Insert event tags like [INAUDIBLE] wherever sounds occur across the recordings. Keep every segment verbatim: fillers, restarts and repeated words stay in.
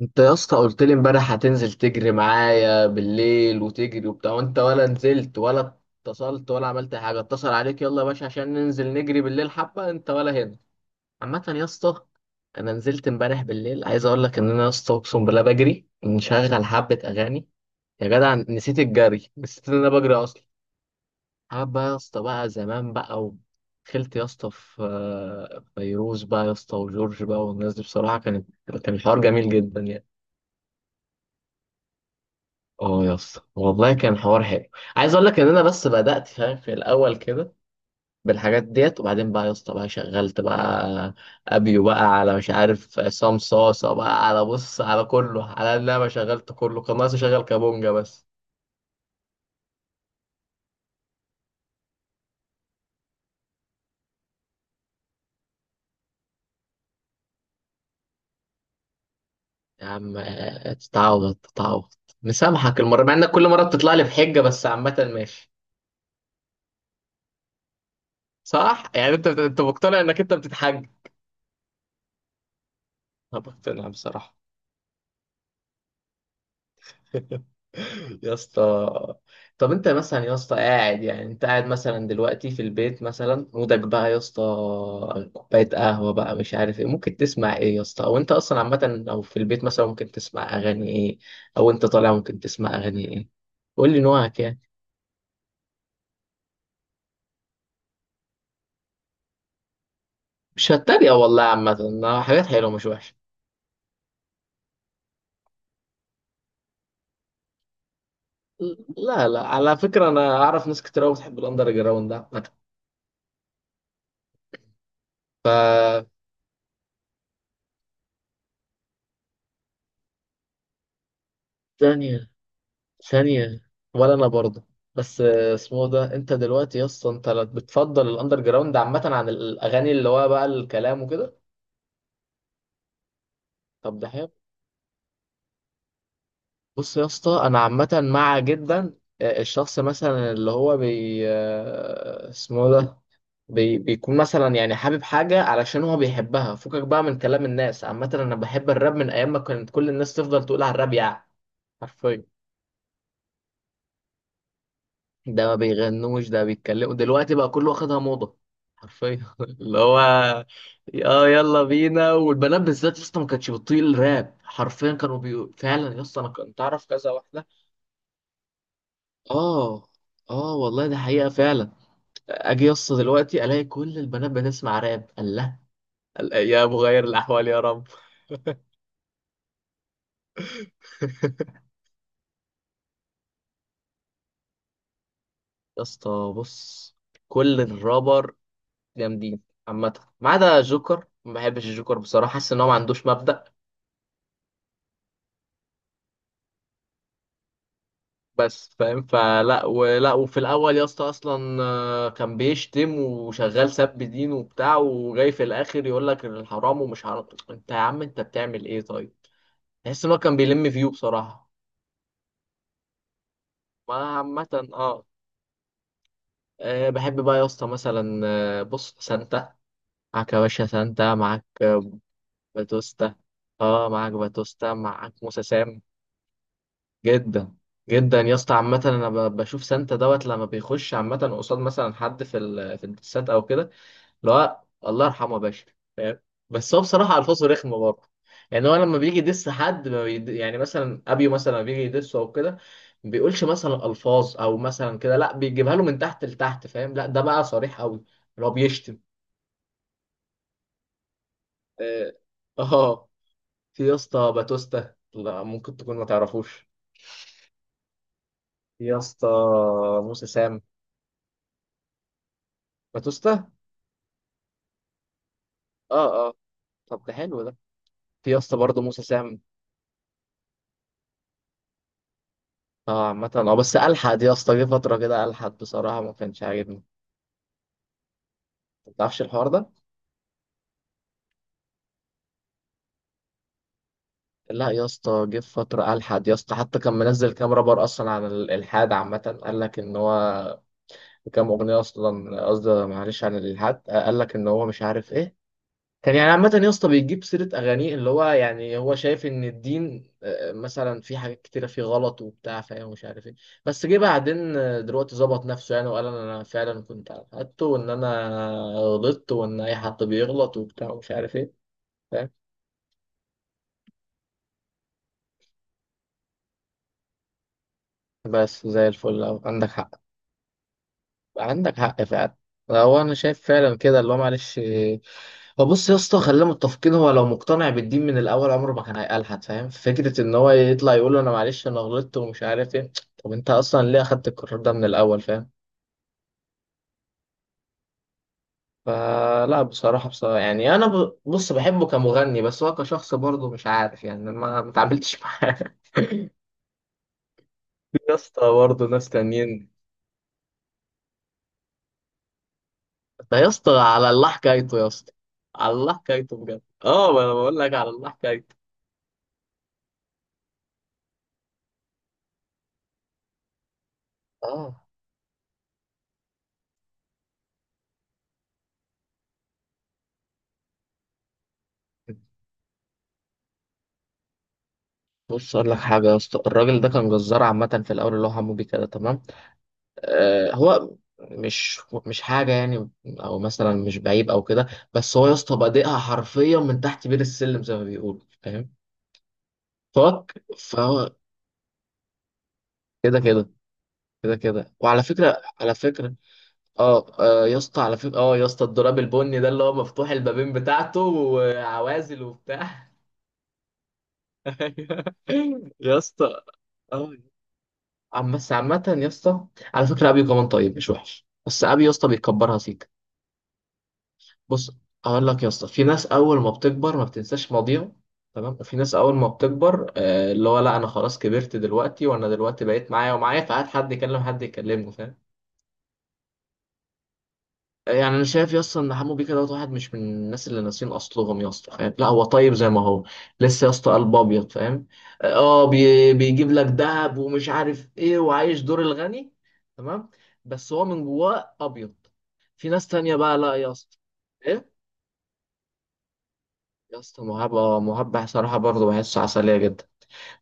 انت يا اسطى قلت لي امبارح هتنزل تجري معايا بالليل وتجري وبتاع، وانت ولا نزلت ولا اتصلت ولا عملت حاجه. اتصل عليك يلا يا باشا عشان ننزل نجري بالليل حبه، انت ولا هنا؟ عامه يا اسطى. انا نزلت امبارح بالليل، عايز اقول لك ان انا يا اسطى اقسم بالله بجري مشغل حبه اغاني يا جدع، نسيت الجري، نسيت ان انا بجري اصلا. حبه يا اسطى بقى، زمان بقى. ودخلت يا اسطى في في فيروز بقى يا اسطى وجورج بقى، والناس دي بصراحه كانت، كان الحوار جميل جدا يعني. اه يا اسطى والله كان حوار حلو. عايز اقول لك ان انا بس بدات فاهم في الاول كده بالحاجات ديت، وبعدين بقى يا اسطى بقى شغلت بقى ابيو بقى، على مش عارف عصام صاصه بقى، على بص على كله، على ان انا شغلت كله، كان ناقص اشغل كابونجا بس. يا عم آه، تتعوض تتعوض، مسامحك المره، مع انك كل مره بتطلع لي بحجه، بس عامه ماشي. صح، يعني انت انت مقتنع انك انت بتتحج؟ انا مقتنع بصراحه. يا اسطى، طب انت مثلا يا اسطى قاعد، يعني انت قاعد مثلا دلوقتي في البيت، مثلا مودك بقى يا اسطى كوبايه قهوه بقى، مش عارف ايه، ممكن تسمع ايه يا اسطى؟ او انت اصلا عامه، او في البيت مثلا ممكن تسمع اغاني ايه، او انت طالع ممكن تسمع اغاني ايه. قول لي نوعك يعني. مش هتريق والله، عامه حاجات حلوه مش وحشه. لا لا، على فكره انا اعرف ناس كتير قوي بتحب الاندر جراوند ده. عامه. ثانية. ولا أنا برضه. بس آه، اسمه ده، أنت دلوقتي يا اسطى أنت لا بتفضل الأندر جراوند عامة عن الأغاني اللي هو بقى الكلام وكده؟ طب ده حلو. بص يا اسطى، أنا عامة مع جدا. آه، الشخص مثلا اللي هو بي آه، اسمه ده، بي بيكون مثلا يعني حابب حاجة علشان هو بيحبها، فكك بقى من كلام الناس. عامة أنا بحب الراب من أيام ما كانت كل الناس تفضل تقول على الراب يعني. حرفيا. ده ما بيغنوش، ده بيتكلموا دلوقتي بقى كله واخدها موضة. حرفيا [LAUGHS] اللي هو. اه يلا بينا، والبنات بالذات يا اسطى ما كانتش بتطيق الراب حرفيا، كانوا بي... فعلا يا اسطى، انا كنت اعرف كذا واحده. اه اه والله ده حقيقه فعلا. اجي يا اسطى دلوقتي الاقي كل البنات بتسمع راب، الله. الايام غير الاحوال يا رب. [LAUGHS] يا اسطى بص، كل الرابر جامدين عامه، ما عدا جوكر. ما بحبش الجوكر بصراحه، حاسس ان هو ما عندوش مبدأ. بس فاهم، فلا ولا. وفي الاول يا اسطى اصلا آه، كان بيشتم وشغال سب دين وبتاع، وجاي في الاخر يقول لك الحرام ومش حرام. انت يا عم انت بتعمل ايه طيب؟ تحس ان هو كان بيلم فيو بصراحه. ما عامه اه. آه، بحب بقى يا اسطى مثلا، آه، بص سانتا معاك يا باشا، سانتا معاك، آه، باتوستا. اه معاك باتوستا، معاك موسى سام. جدا. جدا يا اسطى عامه، انا ب- بشوف سانتا دوت لما بيخش عامه قصاد مثلا حد في ال- في الدسات او كده. لا الله يرحمه يا باشا. فاهم. بس هو بصراحه الفاظه رخمه برضه. يعني هو لما بيجي يدس حد ما بيد... يعني مثلا ابيو مثلا لما بيجي يدسه او كده، ما بيقولش مثلا الفاظ او مثلا كده، لا بيجيبها له من تحت لتحت، فاهم؟ لا ده بقى صريح قوي، اللي هو بيشتم. اه. آه. في يا اسطى باتوستا، لا ممكن تكون ما تعرفوش. في يا اسطى موسى سام، باتوستا. اه اه. طب ده حلو ده. في يا اسطى برضه موسى سام. اه عامة، اه بس الحد يا اسطى جه فترة كده الحد بصراحة ما كانش عاجبني. ما تعرفش الحوار ده. لا يا اسطى، جه في فتره الحد يا اسطى حتى كان منزل كام رابر اصلا عن ال- الالحاد عامه، قال لك ان هو كام اغنيه اصلا، قصدي معلش، عن الالحاد قال لك ان هو مش عارف ايه. كان يعني عامه يا اسطى بيجيب سيره اغانيه اللي هو، يعني هو شايف ان الدين آه، مثلا في حاجات كتيره فيه غلط وبتاع، فاهم، ومش عارف ايه. بس جه بعدين آه، دلوقتي ظبط نفسه يعني، وقال انا فعلا كنت على حقيقته وان انا غلطت وان اي حد بيغلط وبتاع ومش عارف ايه. فاهم. بس زي الفل أوي. عندك حق. عندك حق فعلا. هو انا شايف فعلا كده، اللي هو معلش. هو بص يا اسطى، خلينا متفقين، هو لو مقتنع بالدين من الاول عمره ما كان هيقلحد. فاهم، فكره ان هو يطلع يقول انا معلش انا غلطت ومش عارف ايه، طب انت اصلا ليه اخدت القرار ده من الاول؟ فاهم. فلا بصراحه بصراحه يعني انا ب- بص، بحبه كمغني، بس هو كشخص برضه مش عارف، يعني ما ما اتعاملتش معاه [LAUGHS] يا اسطى برضه ناس تانيين. ده يا اسطى على الله حكايته يا اسطى، على الله حكايته بجد. اه ما انا بقول لك على الله حكايته. اه بص اقول لك حاجه يا اسطى، الراجل ده كان جزار عامه في الاول، اللي هو حمودي كده تمام. آه هو مش مش حاجه يعني، او مثلا مش بعيب او كده، بس هو يا اسطى بادئها حرفيا من تحت بير السلم زي ما بيقولوا، فاهم. فك فهو كده كده. كده كده، وعلى فكره على فكره اه آه، يا اسطى على فكره، اه يا اسطى الدولاب البني ده اللي هو مفتوح البابين بتاعته وعوازل وبتاع. [LAUGHS] أيوه. يا اسطى، اه عم، بس عامة يا اسطى على فكرة أبيو كمان طيب مش وحش، بس أبيو يا اسطى بيكبرها سيكا. بص، أقول لك يا اسطى، في ناس أول ما بتكبر ما بتنساش ماضيها، تمام، وفي ناس أول ما بتكبر آه، اللي هو لا أنا خلاص كبرت دلوقتي، وأنا دلوقتي بقيت معايا ومعايا فقعد حد يكلم حد يكلمه، فاهم؟ يعني انا شايف يا اسطى ان حمو بيكا دوت واحد مش من الناس اللي ناسيين اصلهم يا اسطى، فاهم، لا هو طيب زي ما هو لسه يا اسطى، قلب ابيض، فاهم. اه بي بيجيب لك دهب ومش عارف ايه، وعايش دور الغني، تمام، بس هو من جواه ابيض. في ناس تانية بقى لا يا اسطى. ايه؟ يا اسطى مهاب، اه مهاب صراحه برضه بحسه عسليه جدا.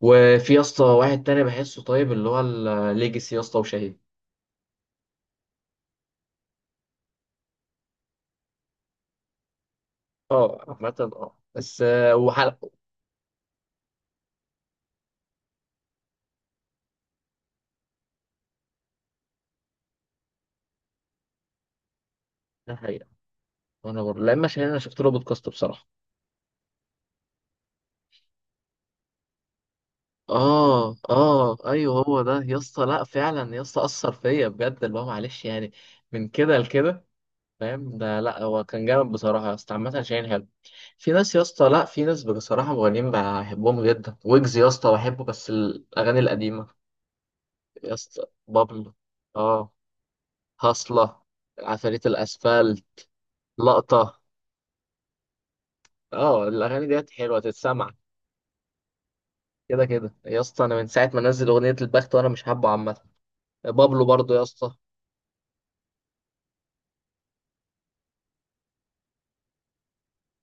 وفي يا اسطى واحد تاني بحسه طيب اللي هو الليجسي يا اسطى، وشهيد. اه عامه، اه بس آه، وحلقه. ده حقيقة. وانا برضه، لا اما شهيد انا شفت له بودكاست بصراحه. اه اه، ايوه هو ده يا اسطى، لا فعلا يا اسطى اثر فيا بجد اللي هو معلش يعني، من كده لكده. فاهم، ده لا هو كان جامد بصراحه يا اسطى، عامه شاهين حلو. في ناس يا اسطى، لا في ناس بصراحه مغنيين بحبهم جدا، ويجز يا اسطى بحبه بس الاغاني القديمه. يا اسطى بابلو. اه. هصله. عفاريت الاسفل. لقطه. اه الاغاني ديت حلوه تتسمع. كده كده يا اسطى، انا من ساعه ما نزل اغنيه البخت وانا مش حابه عامه. بابلو برضو يا اسطى.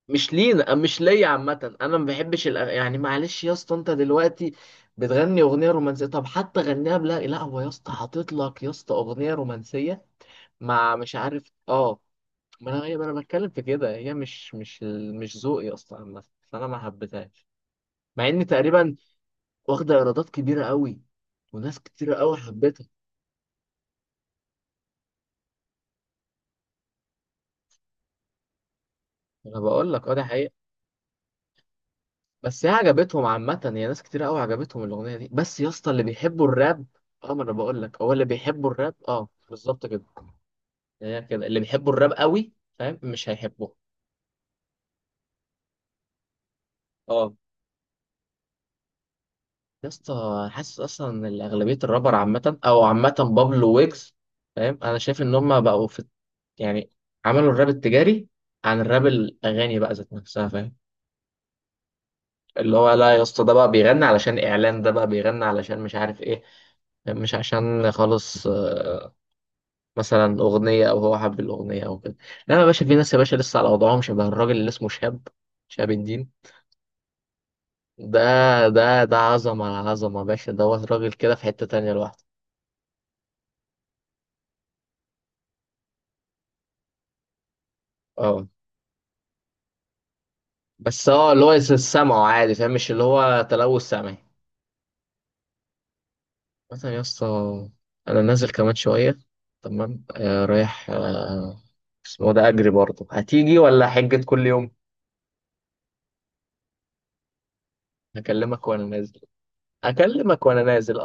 مش لينا مش ليا عامة، أنا ما بحبش الأغ... يعني معلش يا اسطى، أنت دلوقتي بتغني أغنية رومانسية، طب حتى غنيها بلا لا، هو يا اسطى حاطط لك يا اسطى أغنية رومانسية مع مش عارف. أه. ما أنا هي ما أنا بتكلم في كده، هي مش مش ال- مش ذوقي أصلا عامة، فأنا ما حبيتهاش. مع إن تقريبا واخدة إيرادات كبيرة قوي، وناس كتيرة قوي حبتها. أنا بقول لك أه، ده حقيقة. بس هي عجبتهم عامة، هي ناس كتير قوي عجبتهم الأغنية دي، بس يا اسطى اللي بيحبوا الراب. اه ما انا بقول لك، هو اللي بيحبوا الراب، اه بالظبط كده، يعني هي كده اللي بيحبوا الراب قوي، فاهم، مش هيحبوه. اه يا اسطى حاسس اصلا ان اغلبية الرابر عامة او عامة، بابلو ويجز فاهم، انا شايف ان هم بقوا في، يعني عملوا الراب التجاري عن الراب، الاغاني بقى ذات نفسها، فاهم. اللي هو لا يا اسطى، ده بقى بيغني علشان اعلان، ده بقى بيغني علشان مش عارف ايه، مش عشان خالص مثلا اغنيه او هو حب الاغنيه او كده. لا يا باشا، في ناس يا باشا لسه على وضعهم شبه الراجل اللي اسمه شهاب، شهاب الدين ده. ده ده عظمه على عظمه يا باشا، ده هو راجل كده في حته تانية لوحده. اه بس هو اللي هو سمعه عادي، فاهم، مش اللي هو تلوث سمعي. مثلا يا اسطى، انا نازل كمان شويه، تمام، آه رايح. آه اسمه ده، اجري برضه، هتيجي ولا حجة كل يوم؟ هكلمك وانا نازل. اكلمك وانا نازل.